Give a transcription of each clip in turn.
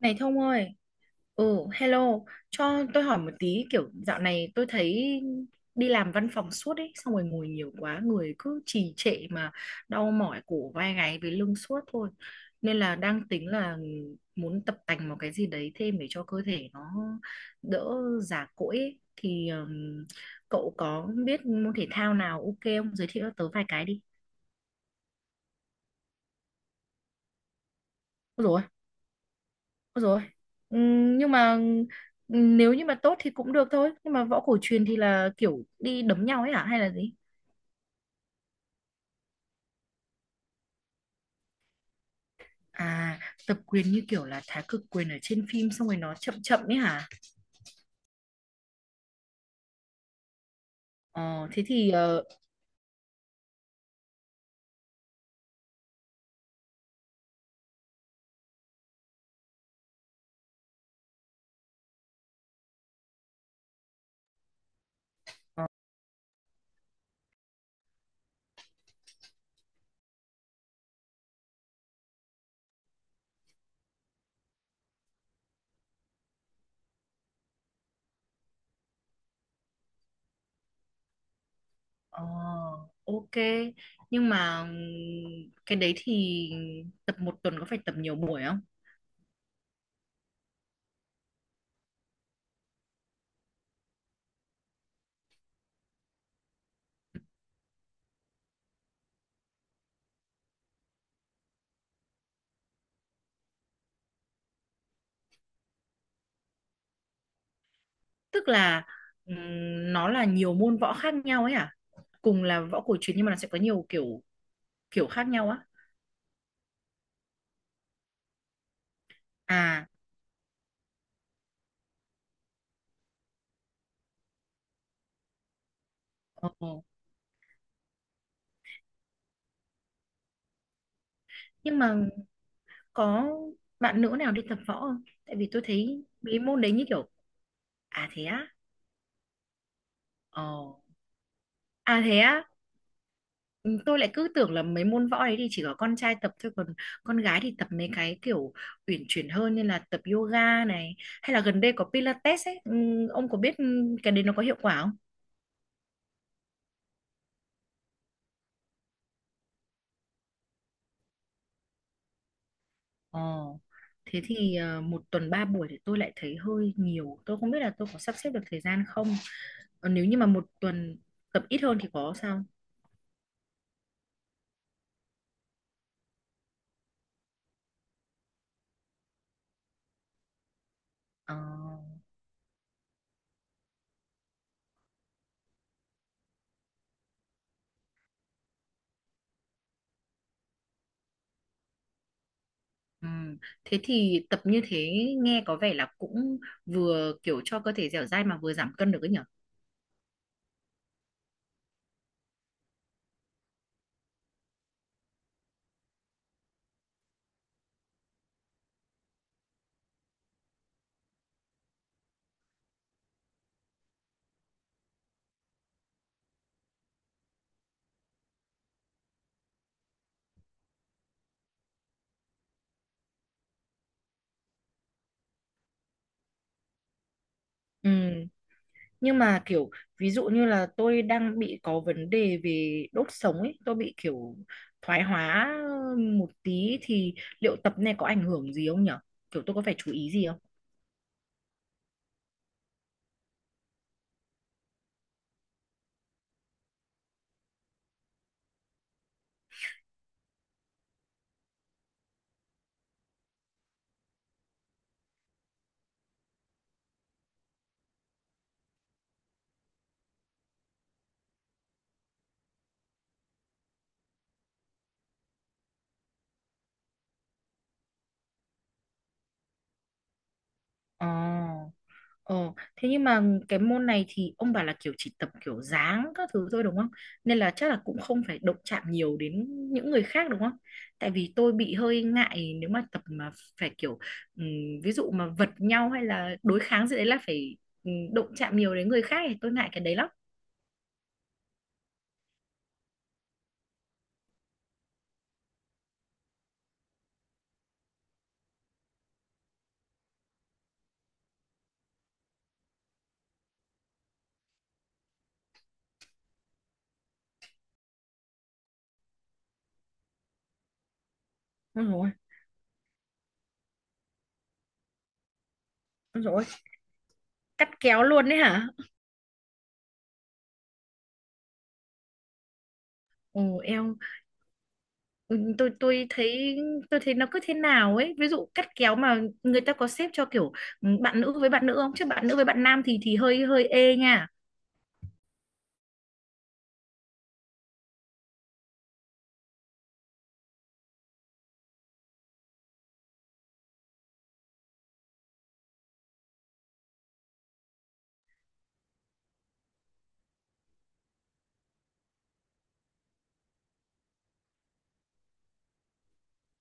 Này Thông ơi, ừ, hello, cho tôi hỏi một tí, kiểu dạo này tôi thấy đi làm văn phòng suốt ấy, xong rồi ngồi nhiều quá, người cứ trì trệ mà đau mỏi cổ vai gáy với lưng suốt thôi. Nên là đang tính là muốn tập tành một cái gì đấy thêm để cho cơ thể nó đỡ già cỗi ấy. Thì cậu có biết môn thể thao nào ok không? Giới thiệu cho tớ vài cái đi. Rồi. Rồi. Nhưng mà nếu như mà tốt thì cũng được thôi, nhưng mà võ cổ truyền thì là kiểu đi đấm nhau ấy hả, hay là gì? À, tập quyền như kiểu là thái cực quyền ở trên phim, xong rồi nó chậm chậm ấy hả? Ờ, thế thì ờ, ok. Nhưng mà cái đấy thì tập một tuần có phải tập nhiều buổi không? Tức là nó là nhiều môn võ khác nhau ấy hả? Cùng là võ cổ truyền nhưng mà nó sẽ có nhiều kiểu kiểu khác nhau á? À. ờ nhưng mà có bạn nữ nào đi tập võ không? Tại vì tôi thấy mấy môn đấy như kiểu... À thế á? Ồ. À thế á? Ừ, tôi lại cứ tưởng là mấy môn võ đấy thì chỉ có con trai tập thôi, còn con gái thì tập mấy cái kiểu uyển chuyển hơn, như là tập yoga này hay là gần đây có Pilates ấy. Ừ, ông có biết cái đấy nó có hiệu quả không? Ồ, thế thì một tuần ba buổi thì tôi lại thấy hơi nhiều, tôi không biết là tôi có sắp xếp được thời gian không. Ờ, nếu như mà một tuần tập ít hơn thì có sao? Ờ. ừm. Thế thì tập như thế nghe có vẻ là cũng vừa kiểu cho cơ thể dẻo dai mà vừa giảm cân được ấy nhở? Ừ. Nhưng mà kiểu ví dụ như là tôi đang bị có vấn đề về đốt sống ấy, tôi bị kiểu thoái hóa một tí thì liệu tập này có ảnh hưởng gì không nhở? Kiểu tôi có phải chú ý gì không? Ờ. Ồ, thế nhưng mà cái môn này thì ông bảo là kiểu chỉ tập kiểu dáng các thứ thôi đúng không? Nên là chắc là cũng không phải động chạm nhiều đến những người khác đúng không? Tại vì tôi bị hơi ngại nếu mà tập mà phải kiểu ừm, ví dụ mà vật nhau hay là đối kháng gì đấy là phải động chạm nhiều đến người khác, thì tôi ngại cái đấy lắm. Ôi rồi, rồi, cắt kéo luôn đấy hả? Ồ, eo. Ừ, tôi thấy nó cứ thế nào ấy, ví dụ cắt kéo mà người ta có xếp cho kiểu bạn nữ với bạn nữ không, chứ bạn nữ với bạn nam thì hơi hơi ê nha.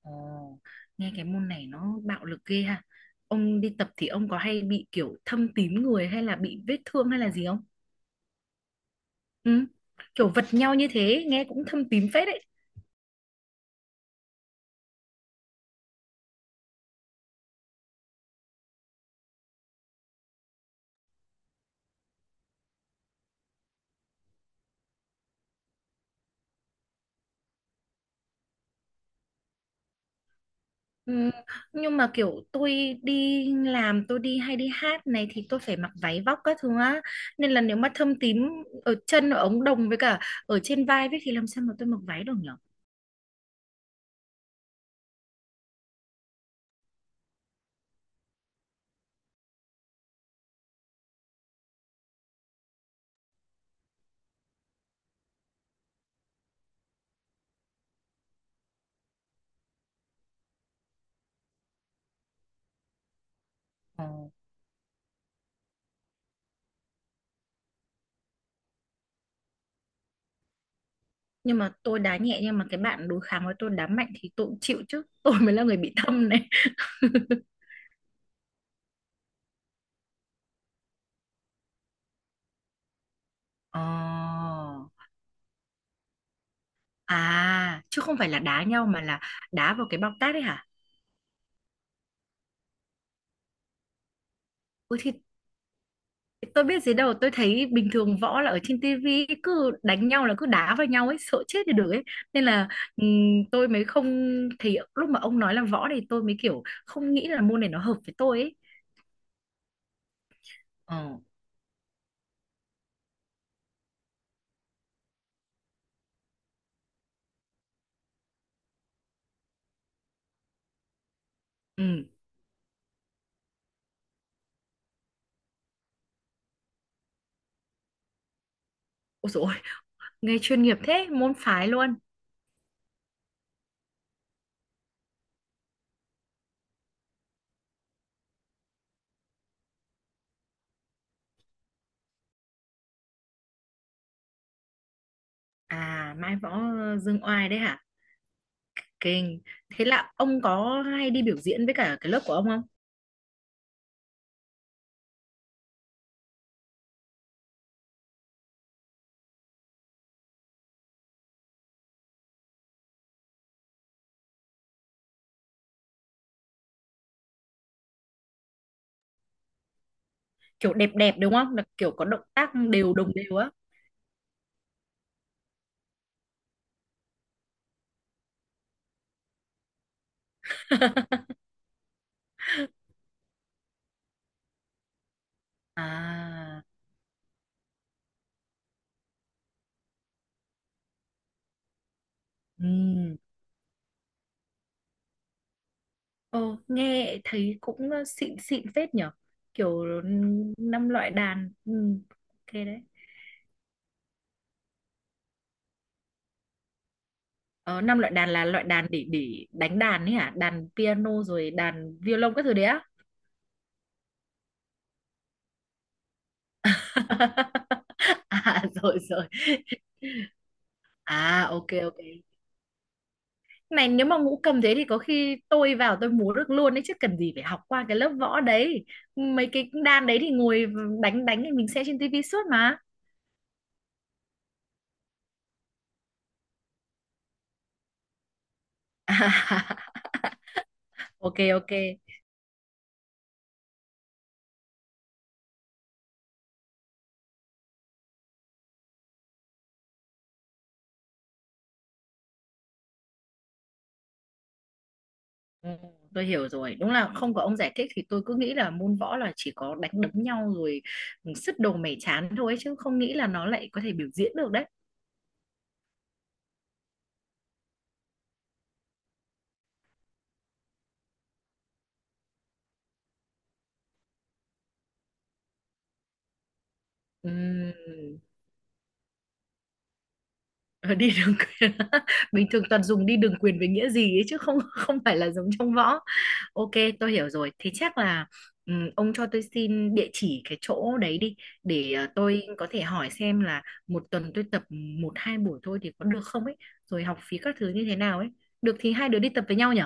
Ồ, nghe cái môn này nó bạo lực ghê ha. Ông đi tập thì ông có hay bị kiểu thâm tím người hay là bị vết thương hay là gì không? Ừ. Kiểu vật nhau như thế nghe cũng thâm tím phết đấy. Ừ, nhưng mà kiểu tôi đi làm, tôi đi hay đi hát này thì tôi phải mặc váy vóc các thứ á, nên là nếu mà thâm tím ở chân, ở ống đồng với cả ở trên vai với, thì làm sao mà tôi mặc váy được nhở? Ờ. Nhưng mà tôi đá nhẹ, nhưng mà cái bạn đối kháng với tôi đá mạnh thì tôi cũng chịu chứ. Tôi mới là người bị thâm này. Ờ. À, chứ không phải là đá nhau mà là đá vào cái bọc tát đấy hả? Ôi thì tôi biết gì đâu, tôi thấy bình thường võ là ở trên tivi cứ đánh nhau là cứ đá vào nhau ấy, sợ chết thì được ấy. Nên là ừm, tôi mới không, thì lúc mà ông nói là võ thì tôi mới kiểu không nghĩ là môn này nó hợp với tôi ấy. Ờ. Ừ. Ôi dồi, ôi, nghe chuyên nghiệp thế, môn phái luôn. À, Mai Võ Dương Oai đấy hả? Kinh. Thế là ông có hay đi biểu diễn với cả cái lớp của ông không? Kiểu đẹp đẹp đúng không? Là kiểu có động tác đều, đồng đều á. À, ừ. Ờ, nghe thấy cũng xịn xịn phết nhở, kiểu năm loại đàn, ok đấy. Ờ, năm loại đàn là loại đàn để đánh đàn ấy hả? Đàn piano rồi đàn violon các thứ đấy á? À rồi rồi. À, ok ok. Này, nếu mà ngũ cầm thế thì có khi tôi vào tôi múa được luôn đấy chứ, cần gì phải học qua cái lớp võ đấy. Mấy cái đàn đấy thì ngồi đánh đánh thì mình xem trên tivi suốt mà. Ok ok. Ừ, tôi hiểu rồi, đúng là không có ông giải thích thì tôi cứ nghĩ là môn võ là chỉ có đánh đấm nhau rồi, sứt đồ mẻ chán thôi, chứ không nghĩ là nó lại có thể biểu diễn được đấy. Ừm, ờ, đi đường quyền. Bình thường toàn dùng đi đường quyền với nghĩa gì ấy chứ không không phải là giống trong võ. Ok, tôi hiểu rồi. Thì chắc là ông cho tôi xin địa chỉ cái chỗ đấy đi, để tôi có thể hỏi xem là một tuần tôi tập một hai buổi thôi thì có được không ấy, rồi học phí các thứ như thế nào ấy. Được thì hai đứa đi tập với nhau nhỉ.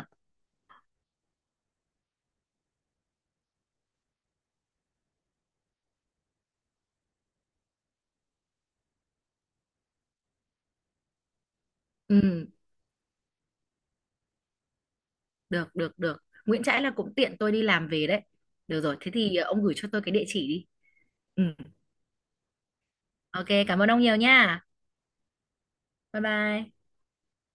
Ừ, được được được. Nguyễn Trãi là cũng tiện tôi đi làm về đấy. Được rồi, thế thì ông gửi cho tôi cái địa chỉ đi. Ừ, ok, cảm ơn ông nhiều nha. Bye bye.